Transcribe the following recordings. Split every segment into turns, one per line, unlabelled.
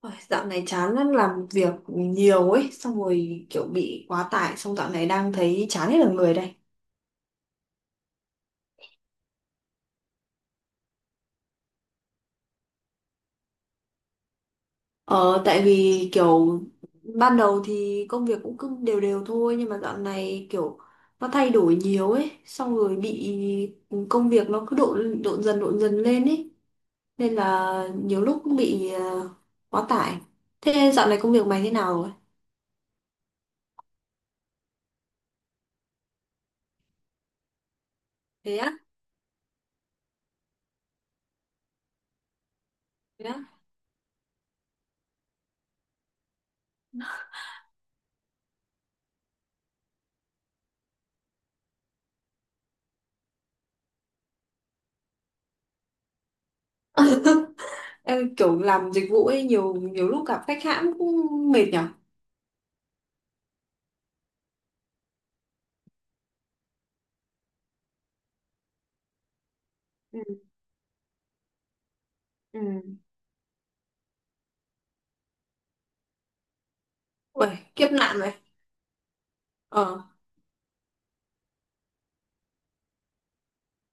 Ôi, dạo này chán lắm làm việc nhiều ấy xong rồi kiểu bị quá tải xong dạo này đang thấy chán hết cả người đây. Ờ, tại vì kiểu ban đầu thì công việc cũng cứ đều đều thôi nhưng mà dạo này kiểu nó thay đổi nhiều ấy xong rồi bị công việc nó cứ độn độn dần lên ấy nên là nhiều lúc cũng bị quá tải. Thế dạo này công việc mày thế nào rồi? Thế á? Thế á? Ê, kiểu làm dịch vụ ấy nhiều nhiều lúc gặp khách hãng cũng mệt nhở. Ừ. Ừ. Ui, kiếp nạn mày. Ờ,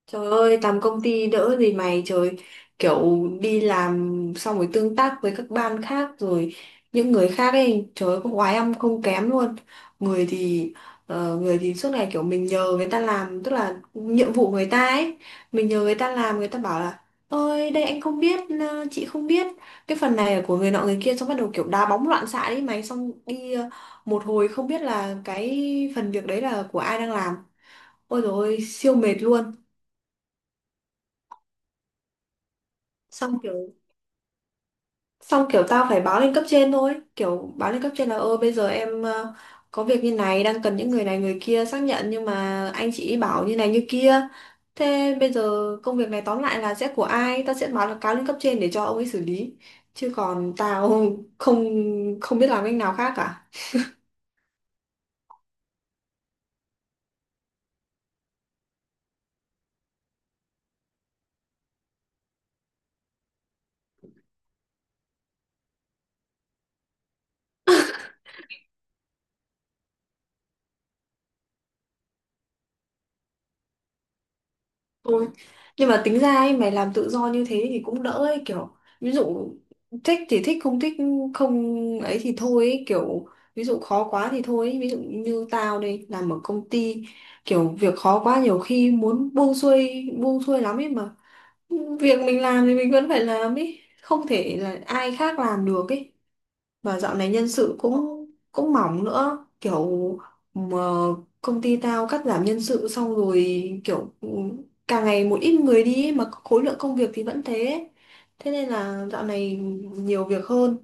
trời ơi, làm công ty đỡ gì mày, trời. Kiểu đi làm xong rồi tương tác với các ban khác rồi những người khác ấy, trời ơi, có oái âm không kém luôn. Người thì người thì suốt ngày kiểu mình nhờ người ta làm, tức là nhiệm vụ người ta ấy, mình nhờ người ta làm, người ta bảo là: Ôi, đây anh không biết, chị không biết. Cái phần này là của người nọ người kia. Xong bắt đầu kiểu đá bóng loạn xạ đấy mày. Xong đi một hồi không biết là cái phần việc đấy là của ai đang làm. Ôi dồi ôi, siêu mệt luôn. Xong kiểu xong kiểu tao phải báo lên cấp trên thôi, kiểu báo lên cấp trên là ơ bây giờ em có việc như này đang cần những người này người kia xác nhận nhưng mà anh chị bảo như này như kia. Thế bây giờ công việc này tóm lại là sẽ của ai? Tao sẽ báo là cáo lên cấp trên để cho ông ấy xử lý. Chứ còn tao không không biết làm cách nào khác cả. Thôi. Nhưng mà tính ra ấy, mày làm tự do như thế thì cũng đỡ ấy, kiểu ví dụ thích thì thích không ấy thì thôi ấy, kiểu ví dụ khó quá thì thôi ấy. Ví dụ như tao đây làm ở công ty kiểu việc khó quá nhiều khi muốn buông xuôi lắm ấy mà việc mình làm thì mình vẫn phải làm ấy không thể là ai khác làm được ấy và dạo này nhân sự cũng cũng mỏng nữa kiểu mà công ty tao cắt giảm nhân sự xong rồi kiểu càng ngày một ít người đi ấy, mà khối lượng công việc thì vẫn thế thế nên là dạo này nhiều việc hơn.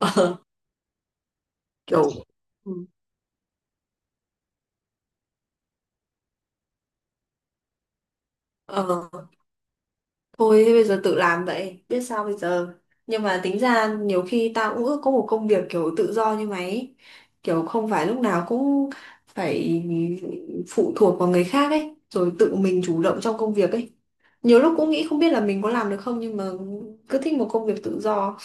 Ờ, kiểu, ừ, ờ, thôi thế bây giờ tự làm vậy biết sao bây giờ. Nhưng mà tính ra nhiều khi tao cũng ước có một công việc kiểu tự do như mày ấy. Kiểu không phải lúc nào cũng phải phụ thuộc vào người khác ấy rồi tự mình chủ động trong công việc ấy nhiều lúc cũng nghĩ không biết là mình có làm được không nhưng mà cứ thích một công việc tự do.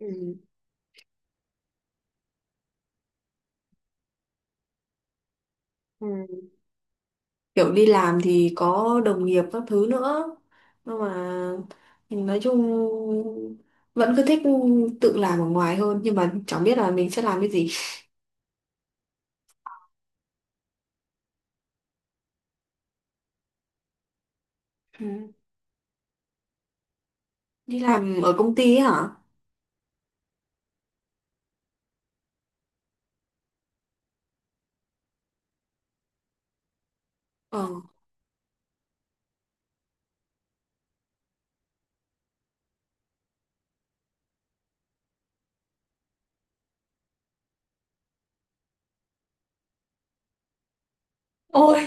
Ừ. Ừ. Kiểu đi làm thì có đồng nghiệp các thứ nữa nhưng mà nói chung vẫn cứ thích tự làm ở ngoài hơn nhưng mà chẳng biết là mình sẽ làm cái gì. Ừ. Đi làm ở công ty ấy hả? Ờ. Ôi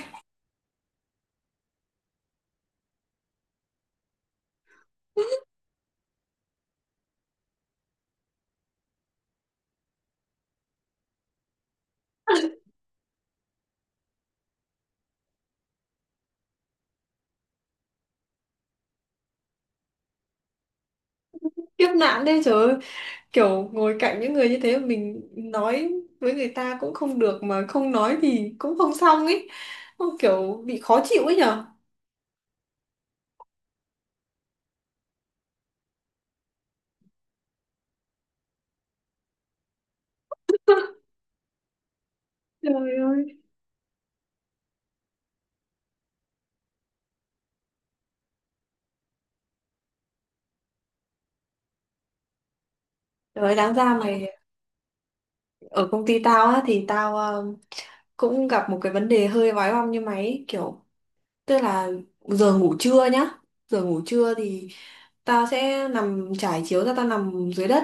kiếp nạn đấy trời ơi. Kiểu ngồi cạnh những người như thế mà mình nói với người ta cũng không được mà không nói thì cũng không xong ấy. Không, kiểu bị khó chịu ấy nhở. Trời ơi. Rồi đáng ra mày ở công ty tao á thì tao cũng gặp một cái vấn đề hơi vói bong như mày ấy, kiểu tức là giờ ngủ trưa nhá giờ ngủ trưa thì tao sẽ nằm trải chiếu ra tao nằm dưới đất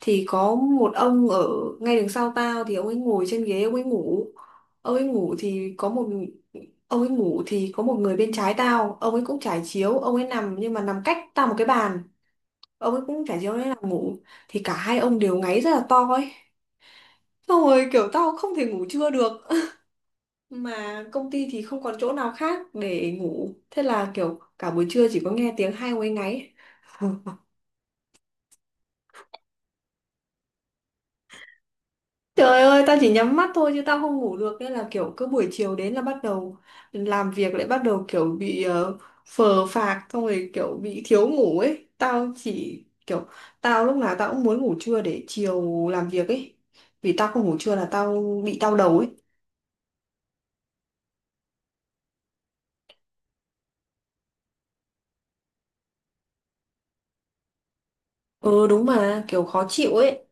thì có một ông ở ngay đằng sau tao thì ông ấy ngồi trên ghế ông ấy ngủ thì có một ông ấy ngủ thì có một người bên trái tao ông ấy cũng trải chiếu ông ấy nằm nhưng mà nằm cách tao một cái bàn ông ấy cũng trải chiếu ông ấy nằm ngủ thì cả hai ông đều ngáy rất là to ấy. Xong rồi kiểu tao không thể ngủ trưa được. Mà công ty thì không còn chỗ nào khác để ngủ. Thế là kiểu cả buổi trưa chỉ có nghe tiếng hai quấy ngáy. Trời ơi, tao chỉ nhắm mắt thôi chứ tao không ngủ được. Nên là kiểu cứ buổi chiều đến là bắt đầu làm việc lại bắt đầu kiểu bị phờ phạc. Xong rồi kiểu bị thiếu ngủ ấy. Tao chỉ kiểu tao lúc nào tao cũng muốn ngủ trưa để chiều làm việc ấy. Vì tao không ngủ trưa là tao bị đau đầu ấy. Ừ đúng mà kiểu khó chịu ấy.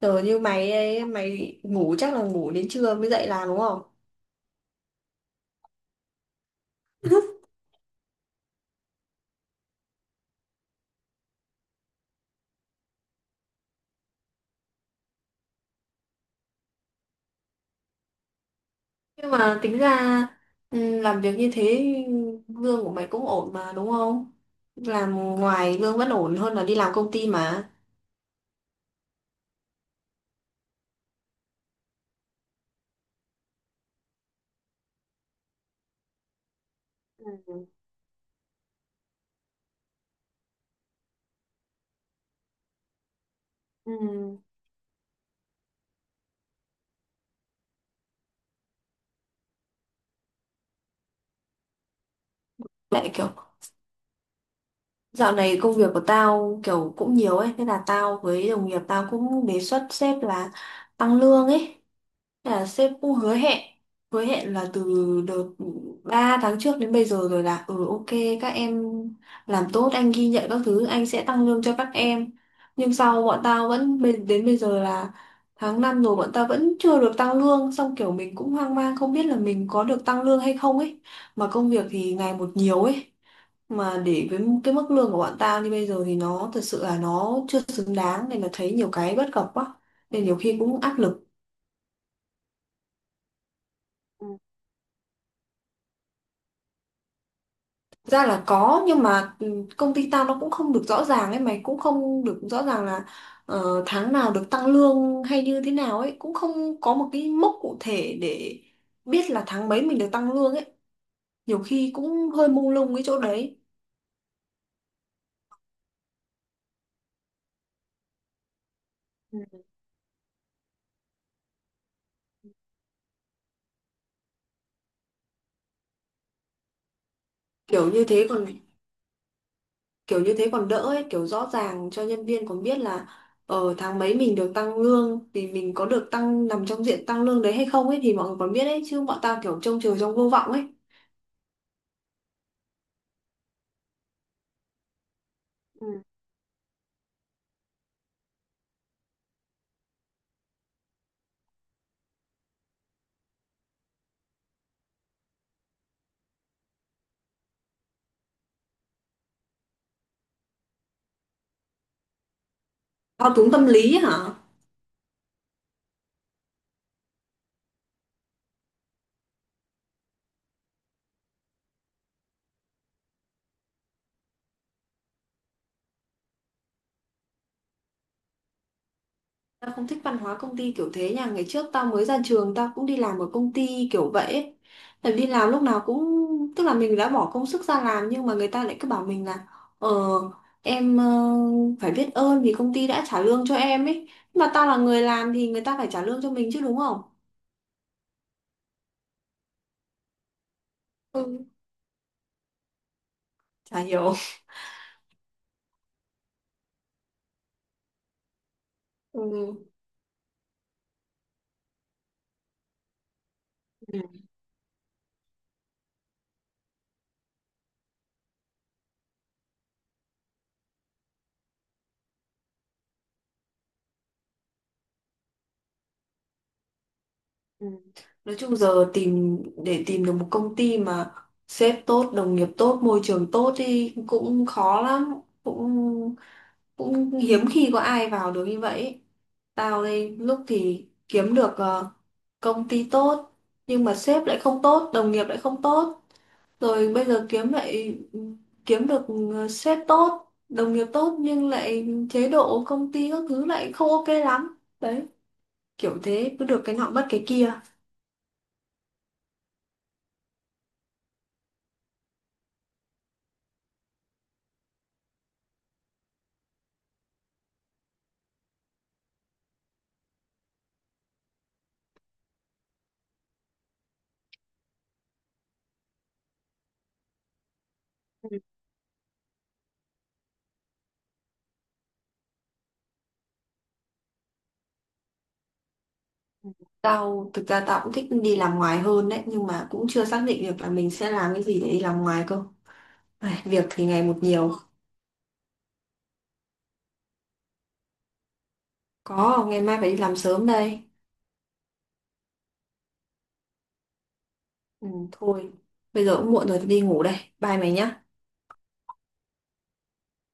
Giờ như mày ấy, mày ngủ chắc là ngủ đến trưa mới dậy làm đúng không? Nhưng mà tính ra làm việc như thế lương của mày cũng ổn mà đúng không? Làm ngoài lương vẫn ổn hơn là đi làm công ty mà. Ừ. Ừ. Lại kiểu dạo này công việc của tao kiểu cũng nhiều ấy, thế là tao với đồng nghiệp tao cũng đề xuất sếp là tăng lương ấy. Là sếp cũng hứa hẹn là từ đợt 3 tháng trước đến bây giờ rồi là ừ ok các em làm tốt anh ghi nhận các thứ anh sẽ tăng lương cho các em nhưng sau bọn tao vẫn đến bây giờ là tháng 5 rồi bọn tao vẫn chưa được tăng lương xong kiểu mình cũng hoang mang không biết là mình có được tăng lương hay không ấy mà công việc thì ngày một nhiều ấy mà để với cái mức lương của bọn tao như bây giờ thì nó thật sự là nó chưa xứng đáng nên là thấy nhiều cái bất cập quá nên nhiều khi cũng áp lực. Ra là có nhưng mà công ty tao nó cũng không được rõ ràng ấy mày cũng không được rõ ràng là tháng nào được tăng lương hay như thế nào ấy cũng không có một cái mốc cụ thể để biết là tháng mấy mình được tăng lương ấy nhiều khi cũng hơi mông lung cái chỗ đấy. Ừ. kiểu như thế còn kiểu như thế còn đỡ ấy kiểu rõ ràng cho nhân viên còn biết là ở tháng mấy mình được tăng lương thì mình có được tăng nằm trong diện tăng lương đấy hay không ấy thì mọi người còn biết ấy chứ bọn tao kiểu trông chờ trong vô vọng ấy. Ừ. Thao túng tâm lý ấy hả? Tao không thích văn hóa công ty kiểu thế nha. Ngày trước tao mới ra trường. Tao cũng đi làm ở công ty kiểu vậy ấy. Tại vì đi làm lúc nào cũng tức là mình đã bỏ công sức ra làm. Nhưng mà người ta lại cứ bảo mình là: Ờ, em phải biết ơn vì công ty đã trả lương cho em ấy. Nhưng mà tao là người làm thì người ta phải trả lương cho mình chứ đúng không? Ừ. Chả hiểu. Ừ. Ừ. Ừ. Nói chung giờ tìm để tìm được một công ty mà sếp tốt, đồng nghiệp tốt, môi trường tốt thì cũng khó lắm, cũng cũng hiếm khi có ai vào được như vậy ấy. Tao đây lúc thì kiếm được công ty tốt nhưng mà sếp lại không tốt đồng nghiệp lại không tốt rồi bây giờ kiếm được sếp tốt đồng nghiệp tốt nhưng lại chế độ công ty các thứ lại không ok lắm đấy kiểu thế cứ được cái nọ mất cái kia. Ừ. Ừ. Tao thực ra tao cũng thích đi làm ngoài hơn đấy nhưng mà cũng chưa xác định được là mình sẽ làm cái gì để đi làm ngoài cơ. Ai, việc thì ngày một nhiều. Có, ngày mai phải đi làm sớm đây. Ừ, thôi, bây giờ cũng muộn rồi, tôi đi ngủ đây. Bye mày nhá.